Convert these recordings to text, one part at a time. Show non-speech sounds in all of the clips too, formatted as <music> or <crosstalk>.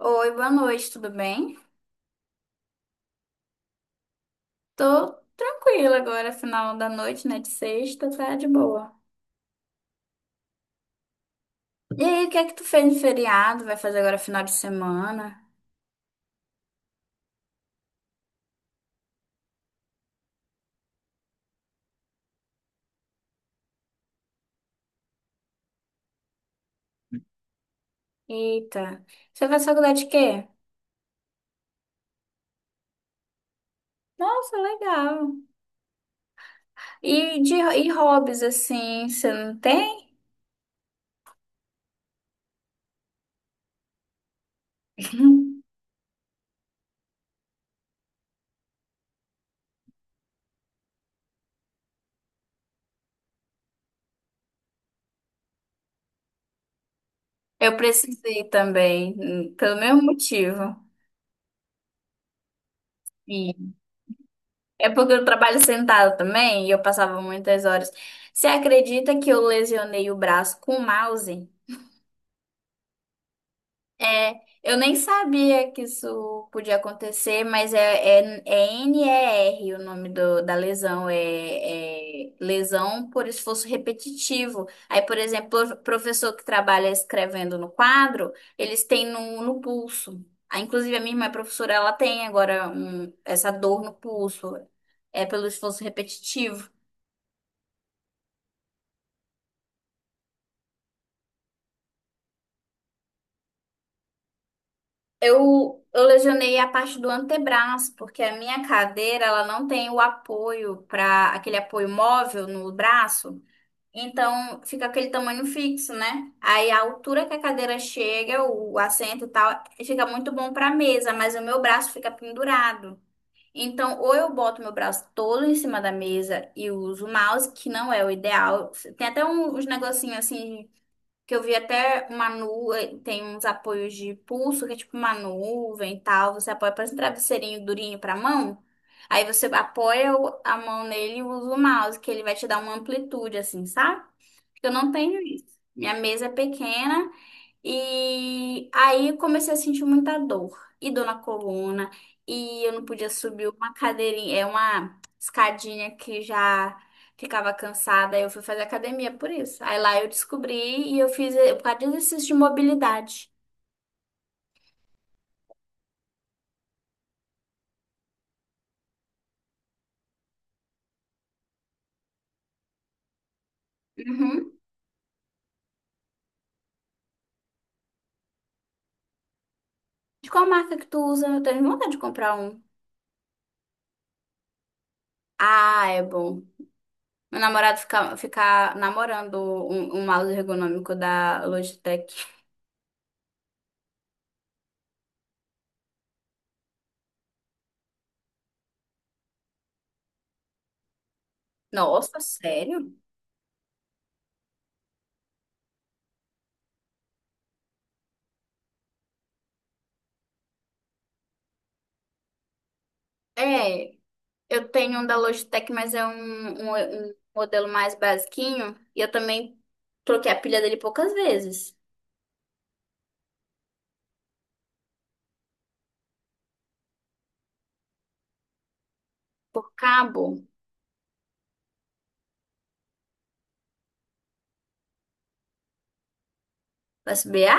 Oi, boa noite, tudo bem? Tô tranquila agora, final da noite, né? De sexta, tá de boa. E aí, o que é que tu fez no feriado? Vai fazer agora final de semana? Eita, você faz faculdade de quê? Nossa, legal. E hobbies, assim, você não tem? <laughs> Eu precisei também, pelo mesmo motivo. E é porque eu trabalho sentada também e eu passava muitas horas. Você acredita que eu lesionei o braço com o mouse? É, eu nem sabia que isso podia acontecer, mas é NER o nome da lesão, é lesão por esforço repetitivo. Aí, por exemplo, o professor que trabalha escrevendo no quadro, eles têm no pulso. Ah, inclusive, a minha irmã é professora, ela tem agora essa dor no pulso, é pelo esforço repetitivo. Eu lesionei a parte do antebraço, porque a minha cadeira, ela não tem o apoio para aquele apoio móvel no braço, então fica aquele tamanho fixo, né? Aí a altura que a cadeira chega, o assento e tal, fica muito bom para mesa, mas o meu braço fica pendurado. Então, ou eu boto meu braço todo em cima da mesa e uso o mouse, que não é o ideal. Tem até uns negocinhos assim que eu vi até uma nuvem, tem uns apoios de pulso, que é tipo uma nuvem e tal. Você apoia, parece um travesseirinho durinho pra mão. Aí você apoia a mão nele e usa o mouse, que ele vai te dar uma amplitude, assim, sabe? Eu não tenho isso. Minha mesa é pequena e aí eu comecei a sentir muita dor e dor na coluna e eu não podia subir uma cadeirinha, é uma escadinha que já ficava cansada. Aí Eu fui fazer academia por isso. Aí lá eu descobri e eu fiz por causa de exercício de mobilidade. Uhum. De qual marca que tu usa? Eu tenho vontade de comprar um. Ah, é bom. Meu namorado fica namorando um mouse ergonômico da Logitech. Nossa, sério? É. Eu tenho um da Logitech, mas é um modelo mais basiquinho. E eu também troquei a pilha dele poucas vezes. Por cabo USB-A?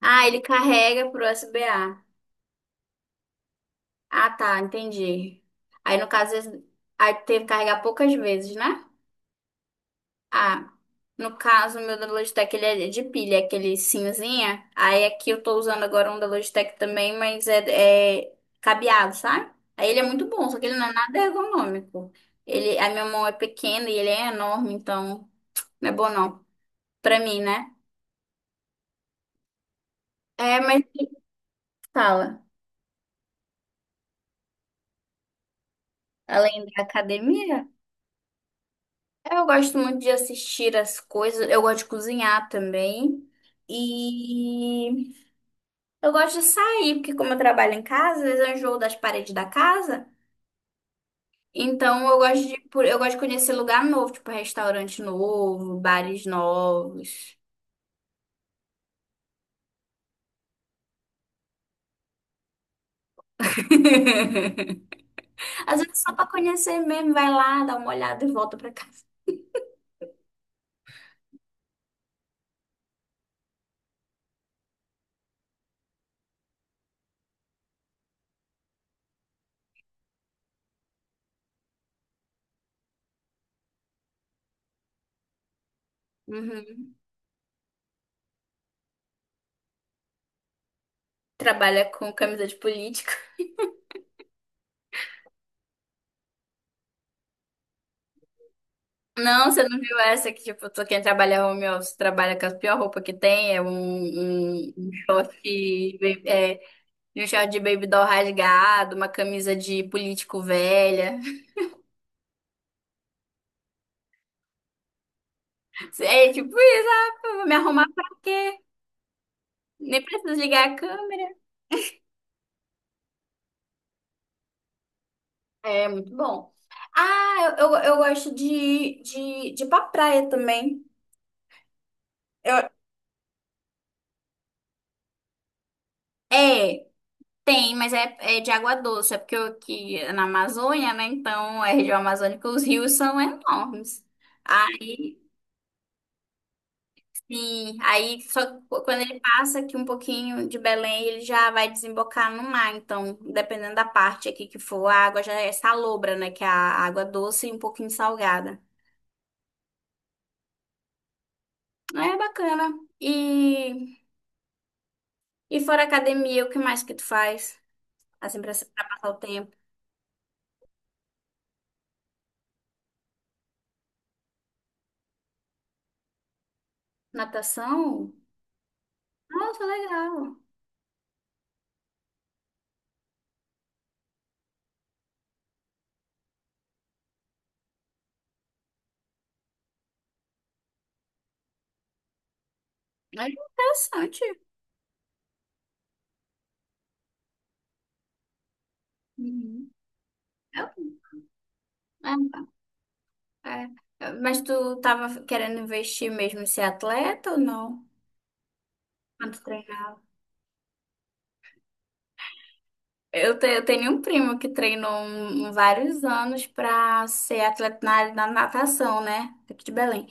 Ah, ele carrega por USB-A. Ah, tá, entendi. Aí no caso, aí teve que carregar poucas vezes, né? Ah, no caso, o meu da Logitech, ele é de pilha, é aquele cinzinha. Aí aqui eu tô usando agora um da Logitech também, mas é cabeado, sabe? Aí ele é muito bom, só que ele não é nada ergonômico. Ele, a minha mão é pequena e ele é enorme, então não é bom não. Pra mim, né? É, mas fala, além da academia, eu gosto muito de assistir as coisas, eu gosto de cozinhar também. E eu gosto de sair, porque como eu trabalho em casa, às vezes eu enjoo das paredes da casa. Então eu gosto de conhecer lugar novo, tipo restaurante novo, bares novos. <laughs> Às vezes só pra conhecer mesmo, vai lá, dá uma olhada e volta pra casa. Uhum. Trabalha com camisa de político. Não, você não viu essa que, tipo, quem trabalha home office trabalha com a pior roupa que tem, é um short de baby doll rasgado, uma camisa de político velha. É tipo isso, ah, eu vou me arrumar pra quê? Nem preciso ligar a câmera. É muito bom. Ah, eu gosto de ir pra praia também. Eu, é, tem, mas é de água doce. É porque eu aqui é na Amazônia, né? Então, é região amazônica, os rios são enormes. Aí Sim, aí só quando ele passa aqui um pouquinho de Belém, ele já vai desembocar no mar. Então, dependendo da parte aqui que for, a água já é salobra, né? Que é a água doce e um pouquinho salgada. É bacana. E, e fora academia, o que mais que tu faz? Assim, pra passar o tempo? Natação? Nossa, legal. É interessante. Uhum. É, é, é. Mas tu tava querendo investir mesmo em ser atleta ou não? Quando tu treinava? Eu tenho um primo que treinou vários anos para ser atleta na área da natação, né? Aqui de Belém.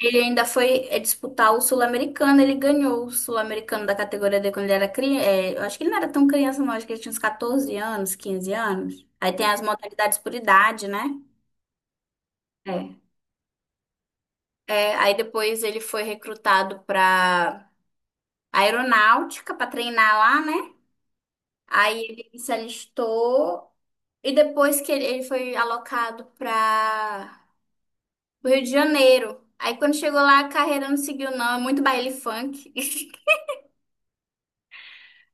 Ele ainda foi disputar o Sul-Americano, ele ganhou o Sul-Americano da categoria D quando ele era criança. Eu acho que ele não era tão criança, não, acho que ele tinha uns 14 anos, 15 anos. Aí tem as modalidades por idade, né? É. É, aí depois ele foi recrutado para aeronáutica para treinar lá, né? Aí ele se alistou. E depois que ele foi alocado para o Rio de Janeiro. Aí quando chegou lá, a carreira não seguiu, não. É muito baile funk. <laughs>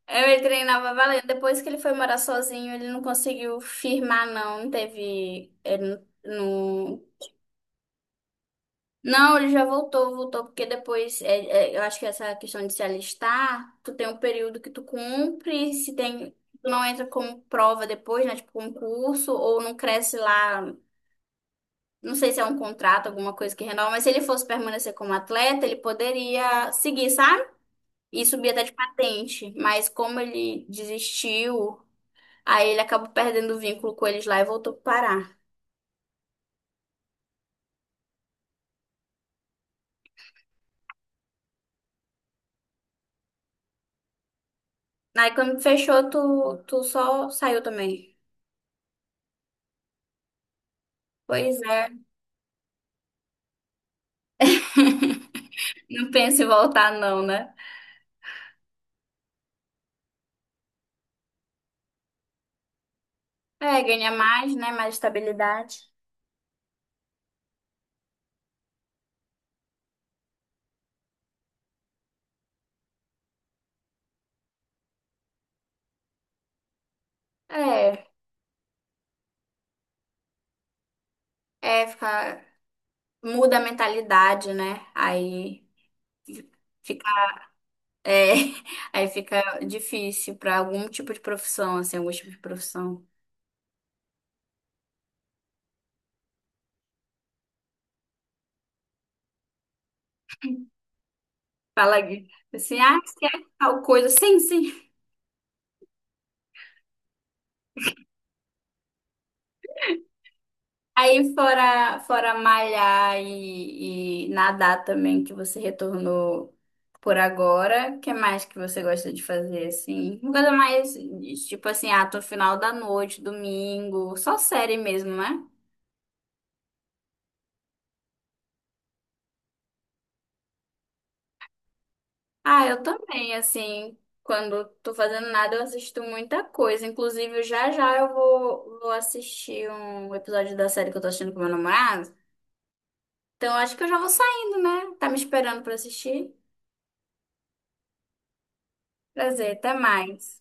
Aí Ele treinava valendo. Depois que ele foi morar sozinho, ele não conseguiu firmar, não. Não teve. Ele não. Não, ele já voltou, voltou, porque depois, eu acho que essa questão de se alistar, tu tem um período que tu cumpre, se tem, tu não entra como prova depois, né, tipo concurso, ou não cresce lá. Não sei se é um contrato, alguma coisa que renova, mas se ele fosse permanecer como atleta, ele poderia seguir, sabe? E subir até de patente. Mas como ele desistiu, aí ele acabou perdendo o vínculo com eles lá e voltou pro Pará. Aí quando fechou, tu só saiu também. Pois é. <laughs> Não penso em voltar, não, né? É, ganha mais, né? Mais estabilidade. É, é, fica, muda a mentalidade, né? Fi- É, <laughs> aí fica difícil para algum tipo de profissão, assim, algum tipo de profissão. Fala aqui, assim, ah, se é tal coisa, sim, sim. Aí fora malhar e nadar também, que você retornou por agora, o que mais que você gosta de fazer, assim? Uma coisa mais, tipo assim, ah, tô final da noite, domingo, só série mesmo, né? Ah, eu também, assim, quando tô fazendo nada, eu assisto muita coisa. Inclusive, já já eu vou assistir um episódio da série que eu tô assistindo com meu namorado. Então, acho que eu já vou saindo, né? Tá me esperando pra assistir? Prazer, até mais.